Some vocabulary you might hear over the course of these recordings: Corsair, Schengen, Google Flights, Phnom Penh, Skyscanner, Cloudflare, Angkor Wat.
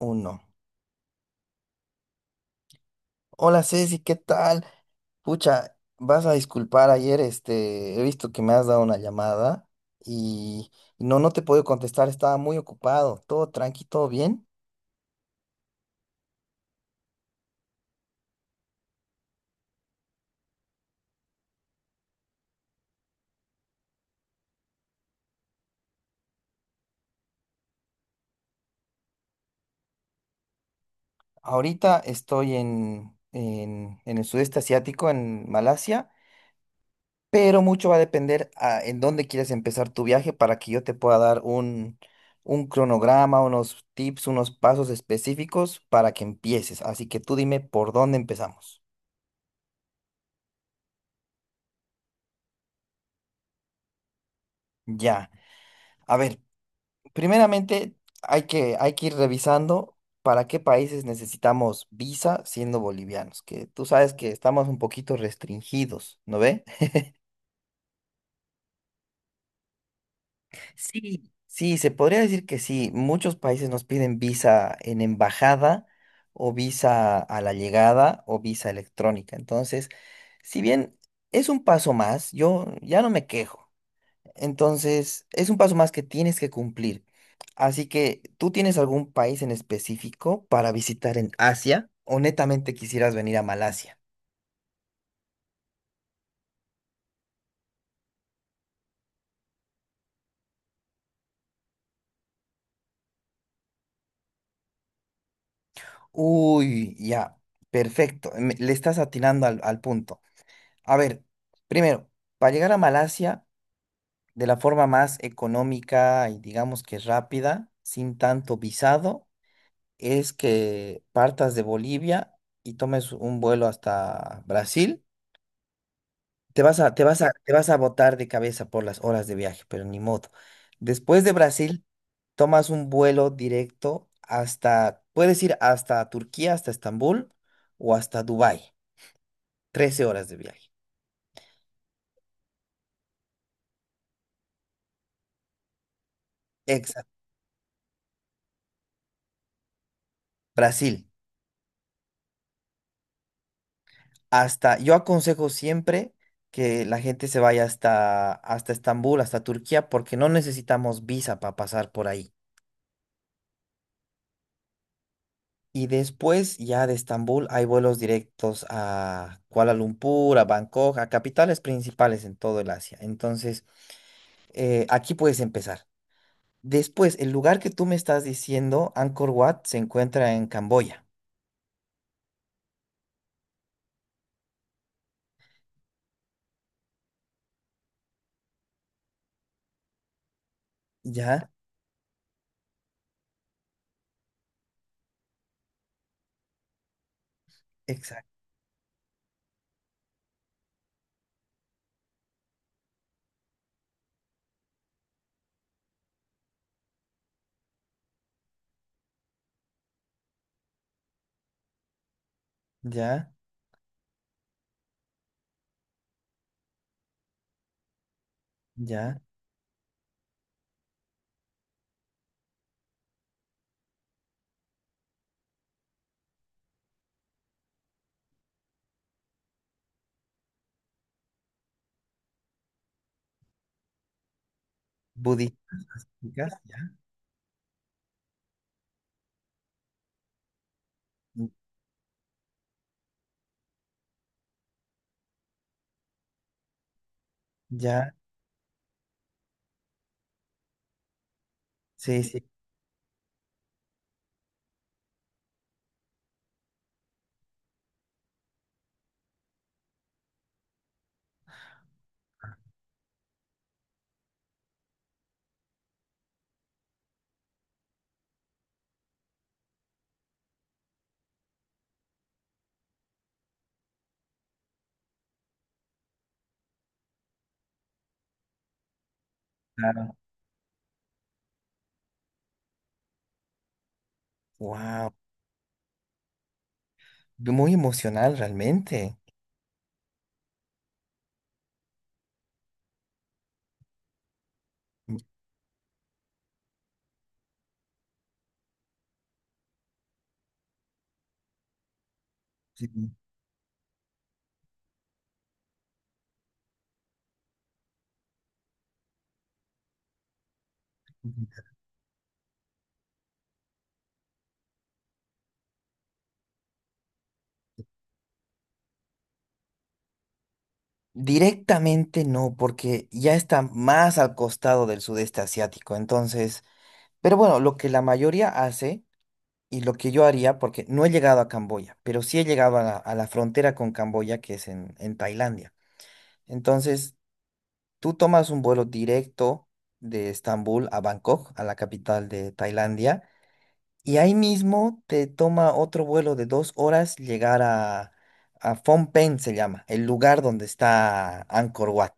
Uno. Hola Ceci, ¿qué tal? Pucha, vas a disculpar, ayer he visto que me has dado una llamada y y no, no te he podido contestar, estaba muy ocupado, todo tranqui, todo bien. Ahorita estoy en el sudeste asiático, en Malasia, pero mucho va a depender en dónde quieres empezar tu viaje para que yo te pueda dar un cronograma, unos tips, unos pasos específicos para que empieces. Así que tú dime por dónde empezamos. Ya. A ver. Primeramente, hay que ir revisando para qué países necesitamos visa siendo bolivianos, que tú sabes que estamos un poquito restringidos, ¿no ve? Sí, sí, se podría decir que sí. Muchos países nos piden visa en embajada o visa a la llegada o visa electrónica. Entonces, si bien es un paso más, yo ya no me quejo. Entonces, es un paso más que tienes que cumplir. Así que, ¿tú tienes algún país en específico para visitar en Asia o netamente quisieras venir a Malasia? Uy, ya, perfecto. Le estás atinando al punto. A ver, primero, para llegar a Malasia de la forma más económica y digamos que rápida, sin tanto visado, es que partas de Bolivia y tomes un vuelo hasta Brasil. Te vas a, te vas a, te vas a botar de cabeza por las horas de viaje, pero ni modo. Después de Brasil, tomas un vuelo directo puedes ir hasta Turquía, hasta Estambul o hasta Dubái. 13 horas de viaje. Exacto. Brasil. Yo aconsejo siempre que la gente se vaya hasta Estambul, hasta Turquía, porque no necesitamos visa para pasar por ahí. Y después ya de Estambul hay vuelos directos a Kuala Lumpur, a Bangkok, a capitales principales en todo el Asia. Entonces, aquí puedes empezar. Después, el lugar que tú me estás diciendo, Angkor Wat, se encuentra en Camboya. Ya, exacto. Ya, ya. Budísticas, ya. Mm. Ya, sí, sí, claro. Wow. Muy emocional realmente. Mm, sí. Directamente no, porque ya está más al costado del sudeste asiático. Entonces, pero bueno, lo que la mayoría hace y lo que yo haría, porque no he llegado a Camboya, pero sí he llegado a la frontera con Camboya, que es en Tailandia. Entonces, tú tomas un vuelo directo de Estambul a Bangkok, a la capital de Tailandia, y ahí mismo te toma otro vuelo de 2 horas llegar a Phnom Penh, se llama, el lugar donde está Angkor Wat.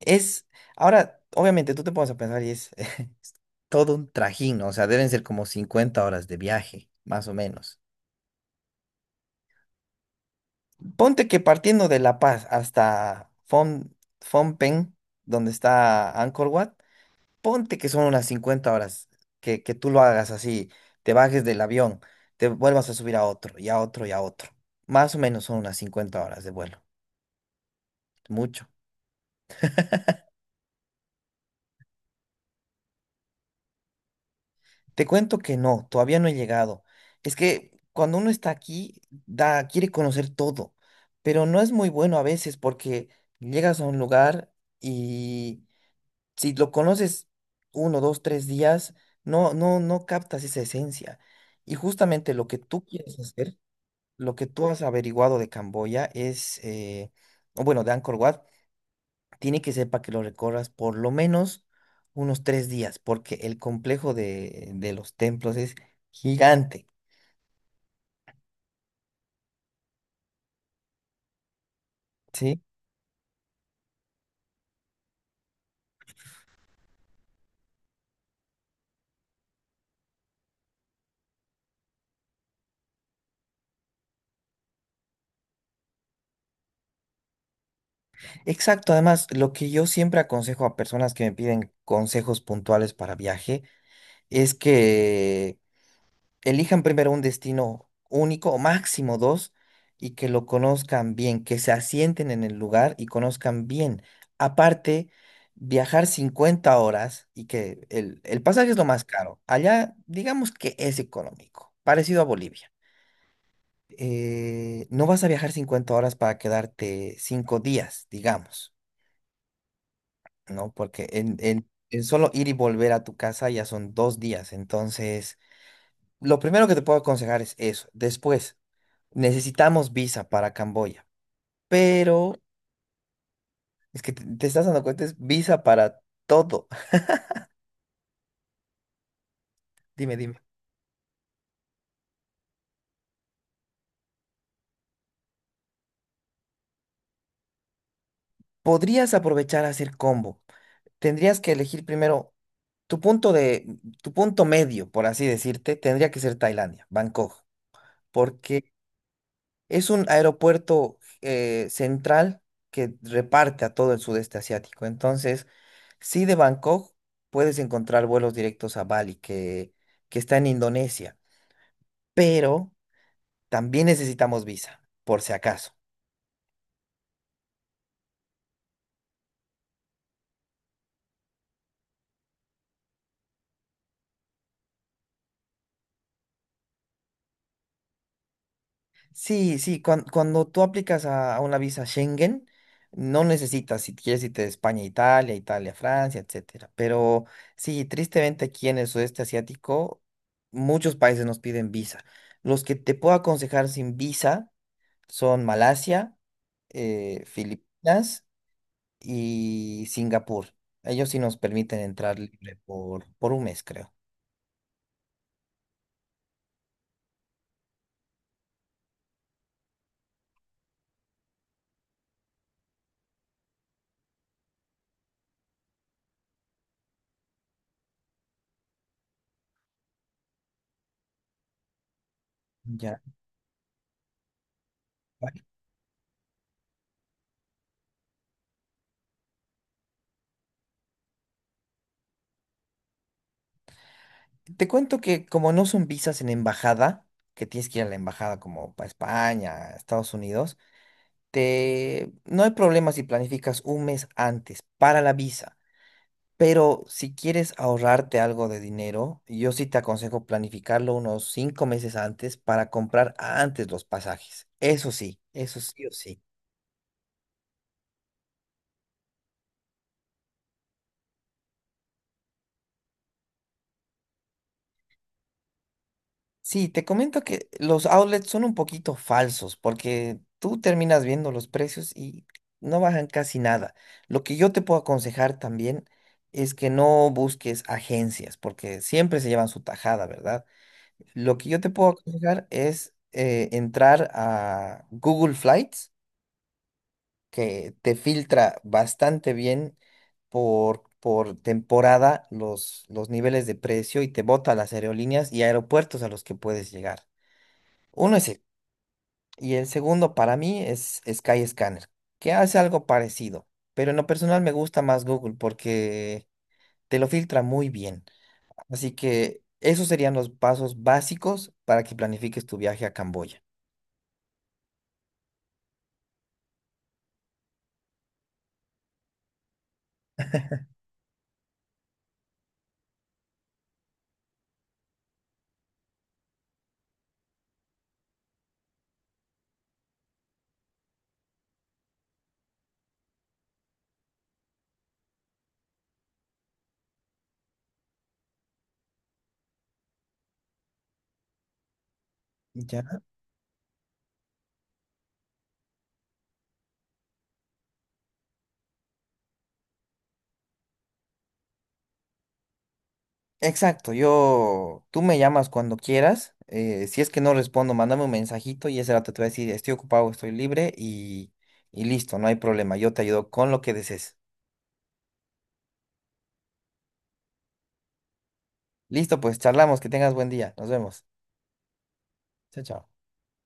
Es, ahora, obviamente tú te pones a pensar y es todo un trajín, ¿no? O sea, deben ser como 50 horas de viaje, más o menos. Ponte que partiendo de La Paz hasta Phnom Penh, donde está Angkor Wat, ponte que son unas 50 horas, que tú lo hagas así, te bajes del avión, te vuelvas a subir a otro, y a otro, y a otro. Más o menos son unas 50 horas de vuelo, mucho. Te cuento que no, todavía no he llegado. Es que cuando uno está aquí, quiere conocer todo, pero no es muy bueno a veces porque llegas a un lugar y si lo conoces 1, 2, 3 días, no, no, no captas esa esencia. Y justamente lo que tú quieres hacer, lo que tú has averiguado de Camboya es, o bueno, de Angkor Wat, tiene que ser para que lo recorras por lo menos unos 3 días, porque el complejo de los templos es gigante, ¿sí? Exacto, además, lo que yo siempre aconsejo a personas que me piden consejos puntuales para viaje es que elijan primero un destino único o máximo dos y que lo conozcan bien, que se asienten en el lugar y conozcan bien. Aparte, viajar 50 horas y que el pasaje es lo más caro. Allá, digamos que es económico, parecido a Bolivia. No vas a viajar 50 horas para quedarte 5 días, digamos, ¿no? Porque en solo ir y volver a tu casa ya son 2 días. Entonces, lo primero que te puedo aconsejar es eso. Después, necesitamos visa para Camboya, pero es que te estás dando cuenta, es visa para todo. Dime, dime. Podrías aprovechar a hacer combo. Tendrías que elegir primero tu punto de, tu punto medio, por así decirte, tendría que ser Tailandia, Bangkok, porque es un aeropuerto central que reparte a todo el sudeste asiático. Entonces, sí de Bangkok puedes encontrar vuelos directos a Bali, que está en Indonesia, pero también necesitamos visa, por si acaso. Sí, sí, cuando tú aplicas a una visa Schengen, no necesitas, si quieres irte de España a Italia, Italia a Francia, etcétera. Pero sí, tristemente aquí en el sudeste asiático, muchos países nos piden visa. Los que te puedo aconsejar sin visa son Malasia, Filipinas y Singapur. Ellos sí nos permiten entrar libre por un mes, creo. Ya. Te cuento que como no son visas en embajada, que tienes que ir a la embajada como para España, Estados Unidos, no hay problema si planificas un mes antes para la visa, pero si quieres ahorrarte algo de dinero, yo sí te aconsejo planificarlo unos 5 meses antes para comprar antes los pasajes. Eso sí o sí. Sí, te comento que los outlets son un poquito falsos porque tú terminas viendo los precios y no bajan casi nada. Lo que yo te puedo aconsejar también es que no busques agencias porque siempre se llevan su tajada, ¿verdad? Lo que yo te puedo aconsejar es entrar a Google Flights, que te filtra bastante bien por temporada los niveles de precio y te bota las aerolíneas y aeropuertos a los que puedes llegar. Uno es. Y el segundo para mí es Skyscanner, que hace algo parecido, pero en lo personal me gusta más Google porque te lo filtra muy bien. Así que esos serían los pasos básicos para que planifiques tu viaje a Camboya. Ya. Exacto, yo, tú me llamas cuando quieras. Si es que no respondo, mándame un mensajito y ese rato te voy a decir, estoy ocupado, estoy libre y listo, no hay problema. Yo te ayudo con lo que desees. Listo, pues charlamos, que tengas buen día. Nos vemos. Chao, chao.